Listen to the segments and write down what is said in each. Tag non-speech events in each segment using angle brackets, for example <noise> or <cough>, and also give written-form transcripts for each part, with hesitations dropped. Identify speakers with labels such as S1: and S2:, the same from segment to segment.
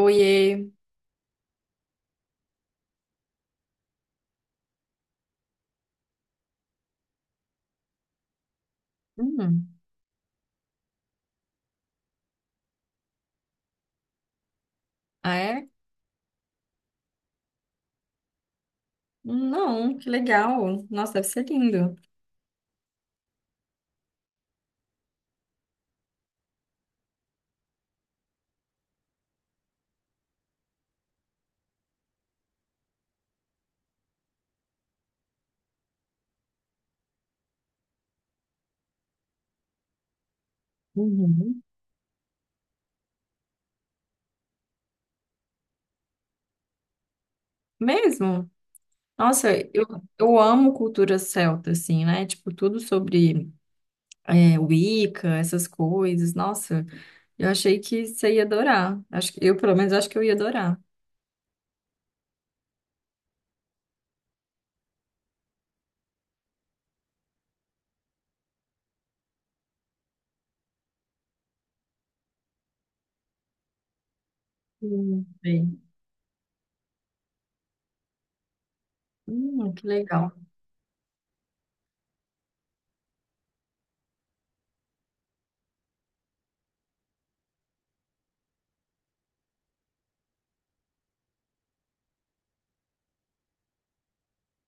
S1: Oiê. Hum, ah, é? Não, que legal. Nossa, deve ser lindo. Uhum. Mesmo? Nossa, eu amo cultura celta, assim, né? Tipo, tudo sobre Wicca, essas coisas. Nossa, eu achei que você ia adorar. Acho que, eu, pelo menos, acho que eu ia adorar. Bem. Que legal.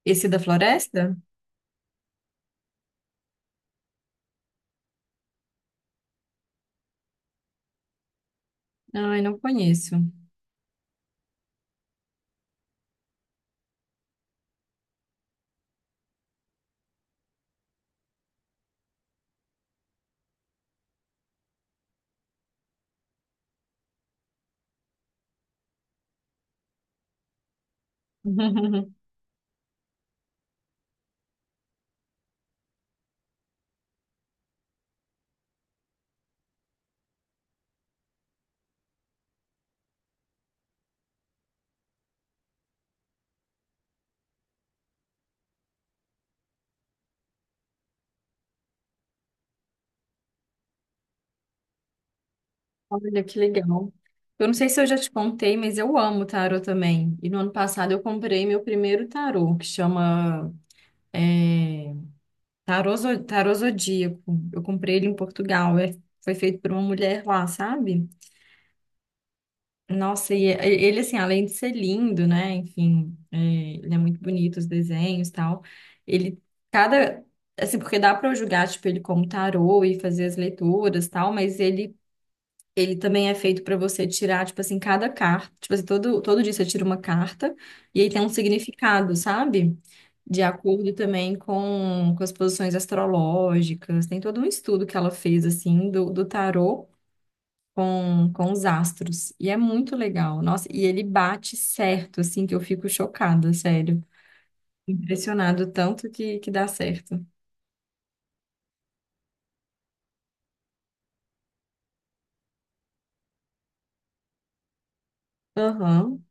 S1: Esse da floresta? Ai, não conheço. <laughs> Olha que legal. Eu não sei se eu já te contei, mas eu amo tarô também. E no ano passado eu comprei meu primeiro tarô, que chama é, tarô Zodíaco. Eu comprei ele em Portugal. Foi feito por uma mulher lá, sabe? Nossa, e ele, assim, além de ser lindo, né? Enfim, é, ele é muito bonito, os desenhos e tal. Ele, cada. Assim, porque dá para eu julgar, tipo, ele como tarô e fazer as leituras e tal, mas ele também é feito para você tirar, tipo assim, cada carta. Tipo assim, todo dia você tira uma carta e aí tem um significado, sabe? De acordo também com as posições astrológicas. Tem todo um estudo que ela fez, assim, do tarô com os astros. E é muito legal. Nossa, e ele bate certo, assim, que eu fico chocada, sério. Impressionado tanto que dá certo. Aham,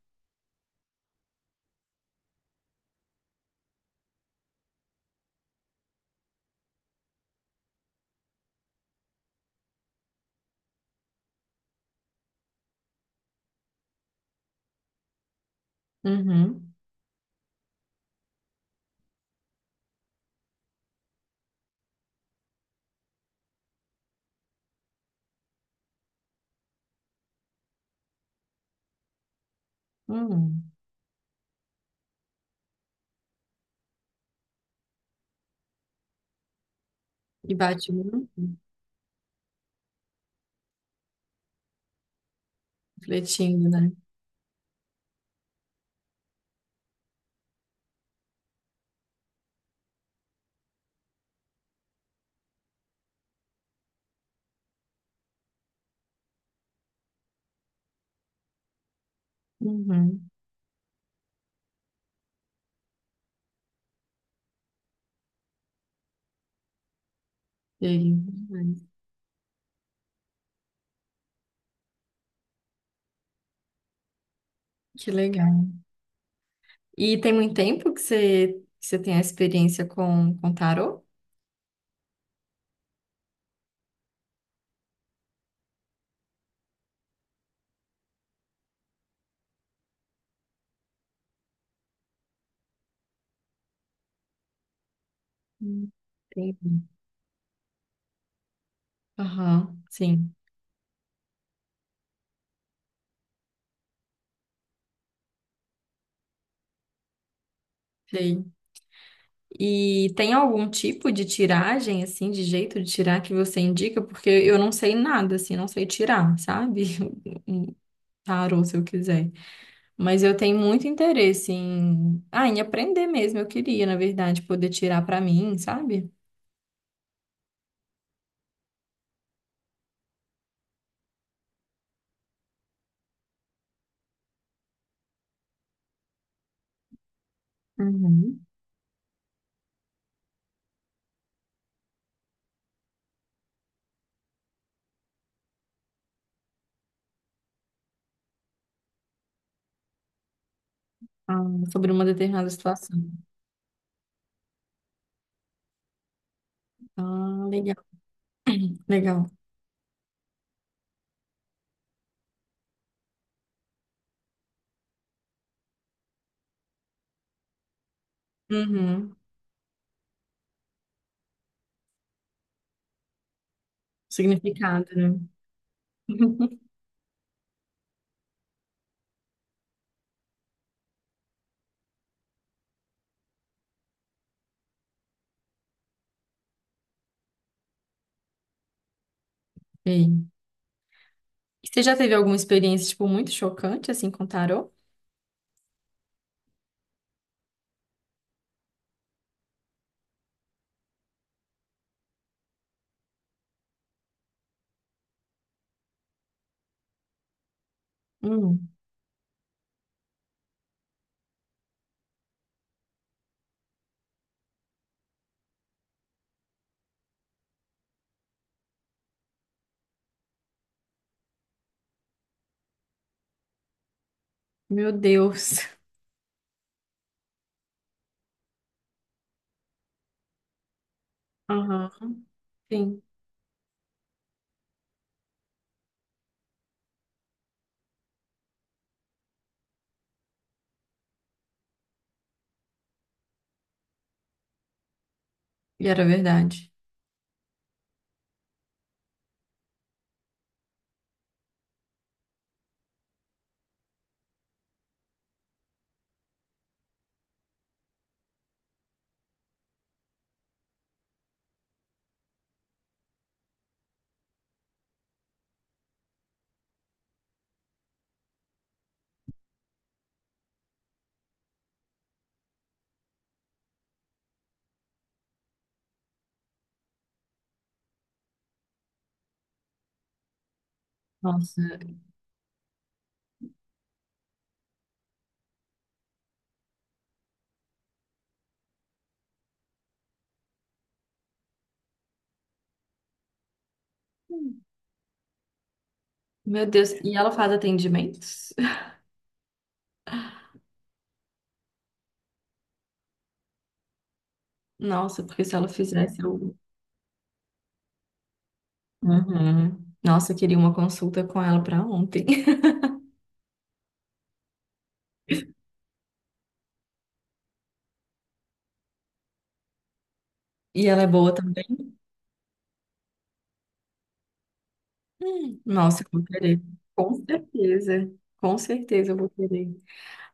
S1: uhum, uhum. E bate muito, refletindo, né? Uhum. Sei. Que legal. E tem muito tempo que você tem a experiência com tarô? Hum, Entendi. Aham, sim, sei. E tem algum tipo de tiragem, assim, de jeito de tirar que você indica? Porque eu não sei nada, assim, não sei tirar, sabe? <laughs> Um tarô, se eu quiser. Mas eu tenho muito interesse em, ah, em aprender mesmo. Eu queria, na verdade, poder tirar pra mim, sabe? Uhum. Ah, sobre uma determinada situação. Ah, legal. Legal. Uhum. Significado, né? <laughs> Ei. E você já teve alguma experiência, tipo, muito chocante, assim, com tarô? Hum, Meu Deus. Aham. Sim. E era verdade. Nossa. Meu Deus. E ela faz atendimentos? Nossa, porque se ela fizesse, eu... Uhum. Nossa, eu queria uma consulta com ela pra ontem. <laughs> E ela é boa também? Nossa, eu vou querer. Com certeza. Com certeza eu vou querer.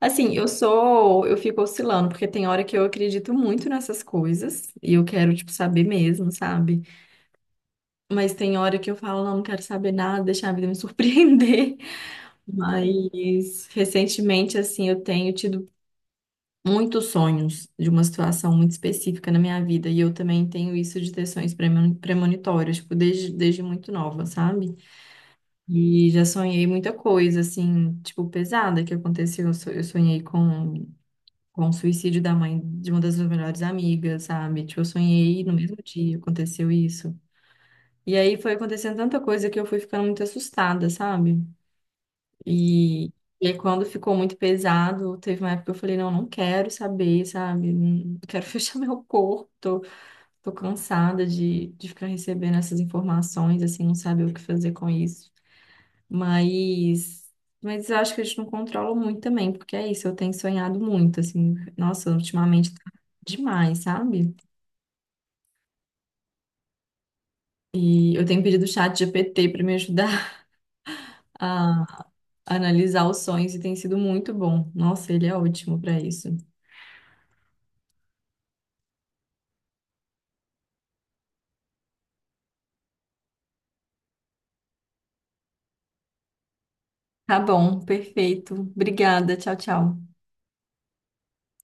S1: Assim, eu sou, eu fico oscilando, porque tem hora que eu acredito muito nessas coisas e eu quero, tipo, saber mesmo, sabe? Mas tem hora que eu falo, não, não quero saber nada, deixar a vida me surpreender. <laughs> Mas recentemente, assim, eu tenho tido muitos sonhos de uma situação muito específica na minha vida e eu também tenho isso de ter sonhos premonitórios, tipo, desde muito nova, sabe? E já sonhei muita coisa, assim, tipo, pesada que aconteceu. Eu sonhei com o suicídio da mãe de uma das minhas melhores amigas, sabe? Tipo, eu sonhei no mesmo dia, aconteceu isso. E aí foi acontecendo tanta coisa que eu fui ficando muito assustada, sabe? E, e aí quando ficou muito pesado, teve uma época que eu falei, não, não quero saber, sabe? Não quero <laughs> fechar meu corpo, tô cansada de ficar recebendo essas informações, assim, não saber o que fazer com isso. Mas, mas eu acho que a gente não controla muito também, porque é isso, eu tenho sonhado muito, assim, nossa, ultimamente tá demais, sabe? E eu tenho pedido o chat GPT para me ajudar <laughs> a analisar os sonhos e tem sido muito bom. Nossa, ele é ótimo para isso. Tá bom, perfeito. Obrigada, tchau, tchau.